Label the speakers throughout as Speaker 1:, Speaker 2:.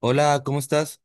Speaker 1: Hola, ¿cómo estás?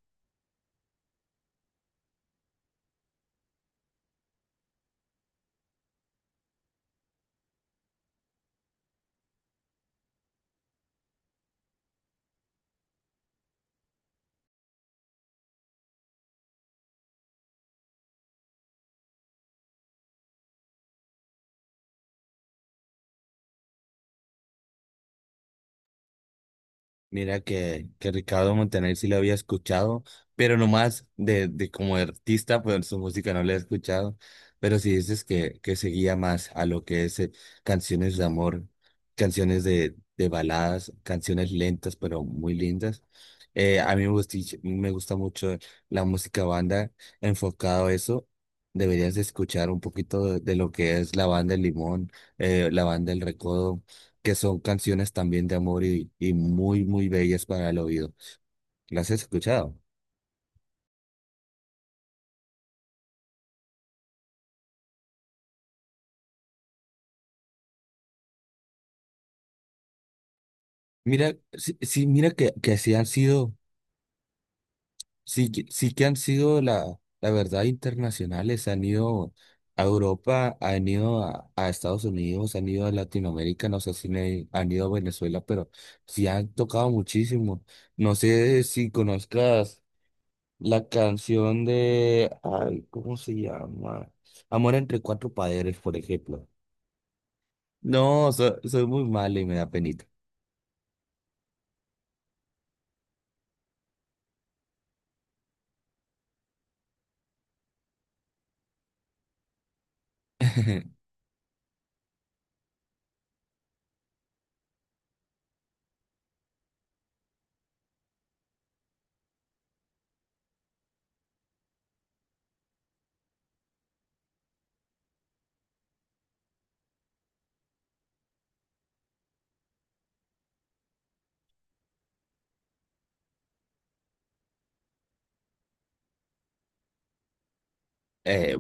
Speaker 1: Mira que Ricardo Montaner sí lo había escuchado, pero nomás de como artista, pues su música no la he escuchado. Pero si dices que seguía más a lo que es canciones de amor, canciones de baladas, canciones lentas pero muy lindas. A mí me gusta mucho la música banda, enfocado a eso. Deberías de escuchar un poquito de lo que es la banda El Limón, la banda El Recodo, que son canciones también de amor y muy, muy bellas para el oído. ¿Las has escuchado? Mira, sí, sí, mira que así han sido. Sí, que han sido, la verdad, internacionales, han ido a Europa, han ido a Estados Unidos, han ido a Latinoamérica, no sé si han ido a Venezuela, pero sí han tocado muchísimo. No sé si conozcas la canción de, ay, ¿cómo se llama? Amor entre cuatro padres, por ejemplo. No, soy muy malo y me da penita. Eh,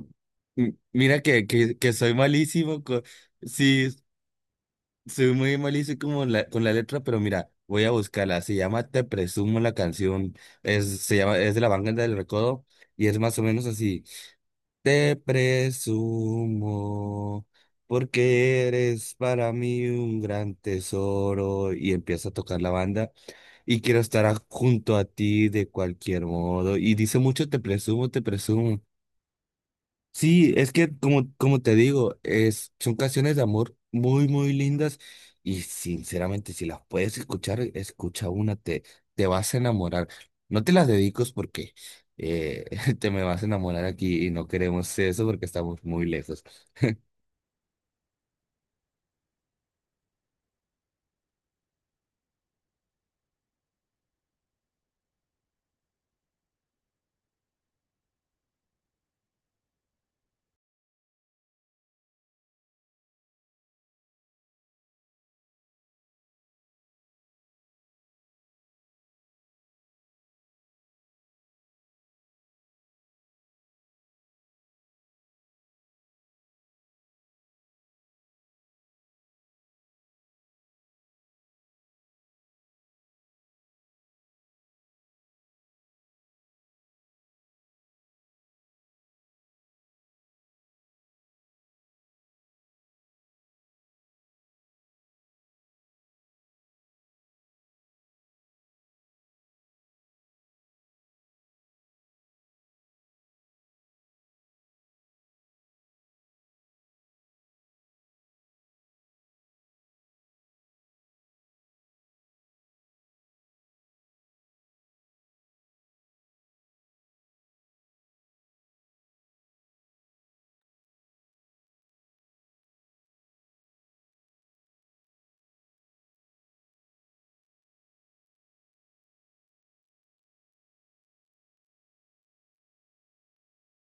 Speaker 1: mira que soy malísimo. Sí, soy muy malísimo como con la letra, pero mira, voy a buscarla. Se llama Te Presumo la canción. Es de la Banda del Recodo y es más o menos así. Te presumo porque eres para mí un gran tesoro, y empieza a tocar la banda, y quiero estar junto a ti de cualquier modo. Y dice mucho, te presumo, te presumo. Sí, es que, como como te digo, es, son canciones de amor muy, muy lindas, y sinceramente si las puedes escuchar, escucha una, te vas a enamorar. No te las dedicos porque eh, te me vas a enamorar aquí y no queremos eso porque estamos muy lejos.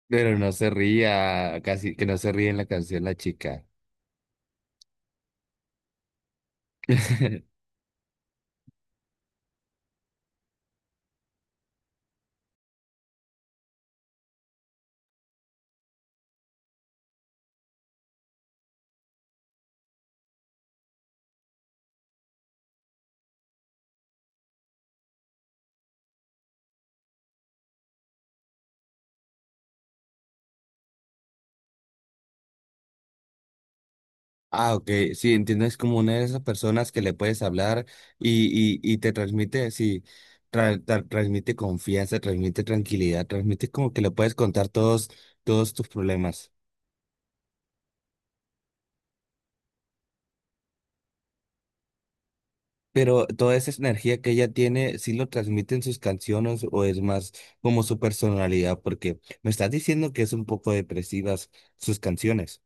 Speaker 1: Pero no se ría, casi que no se ríe en la canción la chica. Ah, ok, sí, entiendo, es como una de esas personas que le puedes hablar y, y te transmite, sí, transmite confianza, transmite tranquilidad, transmite como que le puedes contar todos, todos tus problemas. Pero toda esa energía que ella tiene, ¿sí lo transmite en sus canciones o es más como su personalidad? Porque me estás diciendo que es un poco depresivas sus canciones.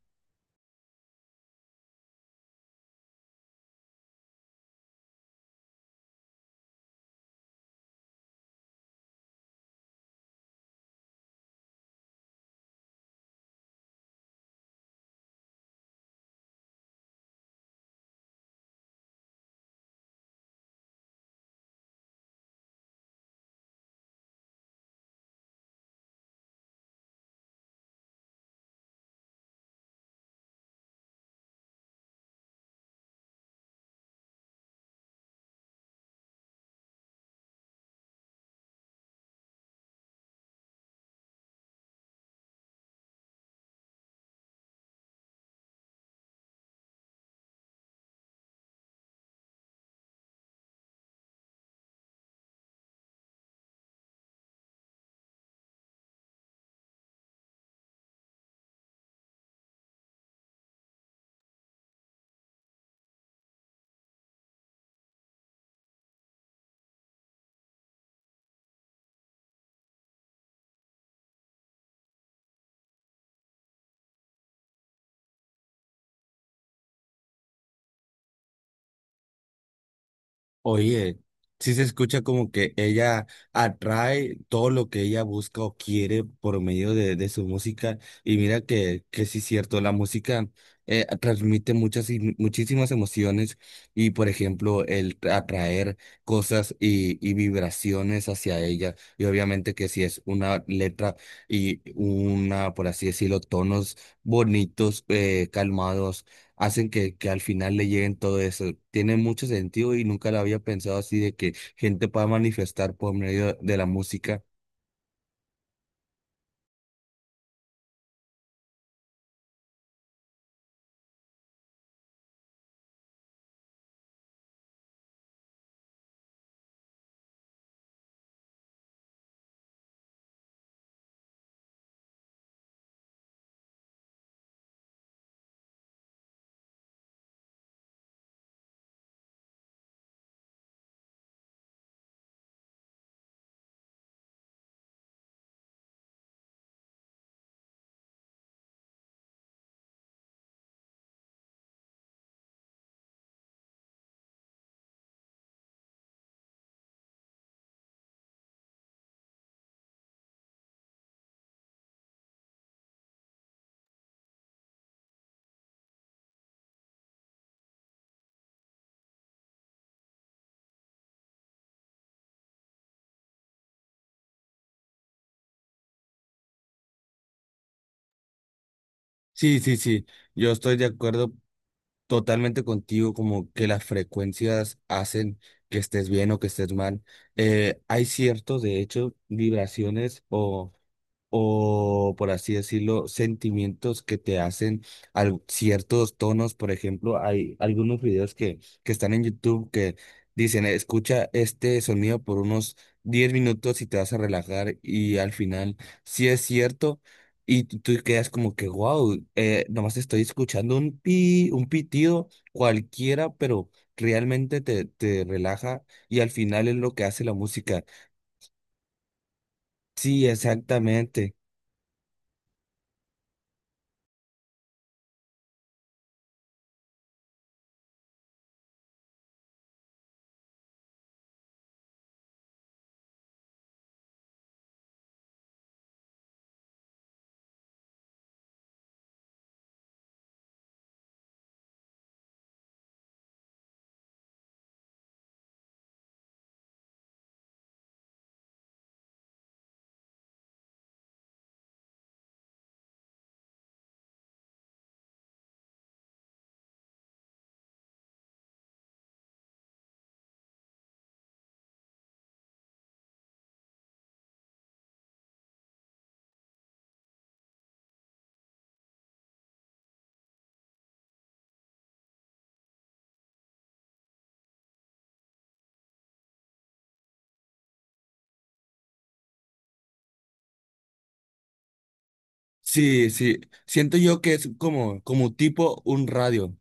Speaker 1: Oye, sí se escucha como que ella atrae todo lo que ella busca o quiere por medio de su música. Y mira que sí es cierto, la música transmite muchísimas emociones y, por ejemplo, el atraer cosas y vibraciones hacia ella. Y obviamente que si es una letra y una, por así decirlo, tonos bonitos, calmados, hacen que al final le lleguen todo eso. Tiene mucho sentido y nunca lo había pensado así, de que gente pueda manifestar por medio de la música. Sí, sí, sí, yo estoy de acuerdo totalmente contigo, como que las frecuencias hacen que estés bien o que estés mal. Hay ciertos, de hecho, vibraciones o, por así decirlo, sentimientos que te hacen ciertos tonos. Por ejemplo, hay algunos videos que están en YouTube que dicen, escucha este sonido por unos 10 minutos y te vas a relajar, y al final sí es cierto. Y tú quedas como que, wow, nomás estoy escuchando un pi, un pitido cualquiera, pero realmente te te relaja, y al final es lo que hace la música. Sí, exactamente. Sí, sí. Siento yo que es como, como tipo un radio.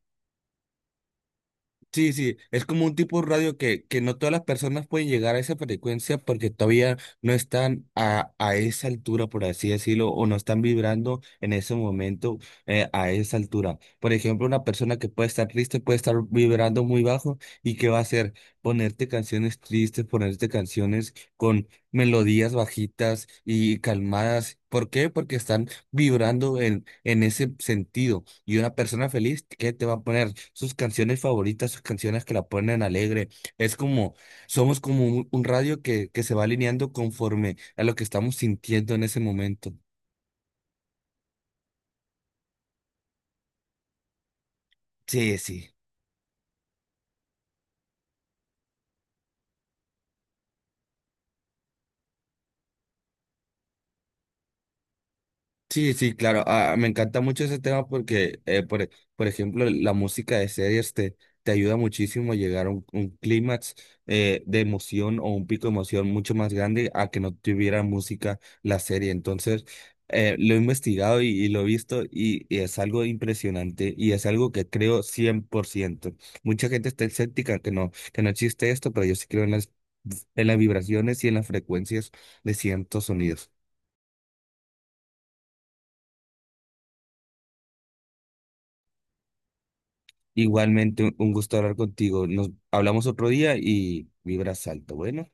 Speaker 1: Sí, sí, es como un tipo de radio que no todas las personas pueden llegar a esa frecuencia porque todavía no están a esa altura, por así decirlo, o no están vibrando en ese momento a esa altura. Por ejemplo, una persona que puede estar triste puede estar vibrando muy bajo, y ¿qué va a hacer? Ponerte canciones tristes, ponerte canciones con melodías bajitas y calmadas. ¿Por qué? Porque están vibrando en ese sentido. Y una persona feliz que te va a poner sus canciones favoritas, sus canciones que la ponen alegre. Es como, somos como un radio que se va alineando conforme a lo que estamos sintiendo en ese momento. Sí, sí. Sí, sí, claro. Ah, me encanta mucho ese tema porque, por ejemplo, la música de series te te ayuda muchísimo a llegar a un clímax de emoción, o un pico de emoción mucho más grande a que no tuviera música la serie. Entonces, lo he investigado y lo he visto, y es algo impresionante y es algo que creo 100%. Mucha gente está escéptica que no existe esto, pero yo sí creo en las en las vibraciones y en las frecuencias de ciertos sonidos. Igualmente, un gusto hablar contigo. Nos hablamos otro día y vibras alto. Bueno.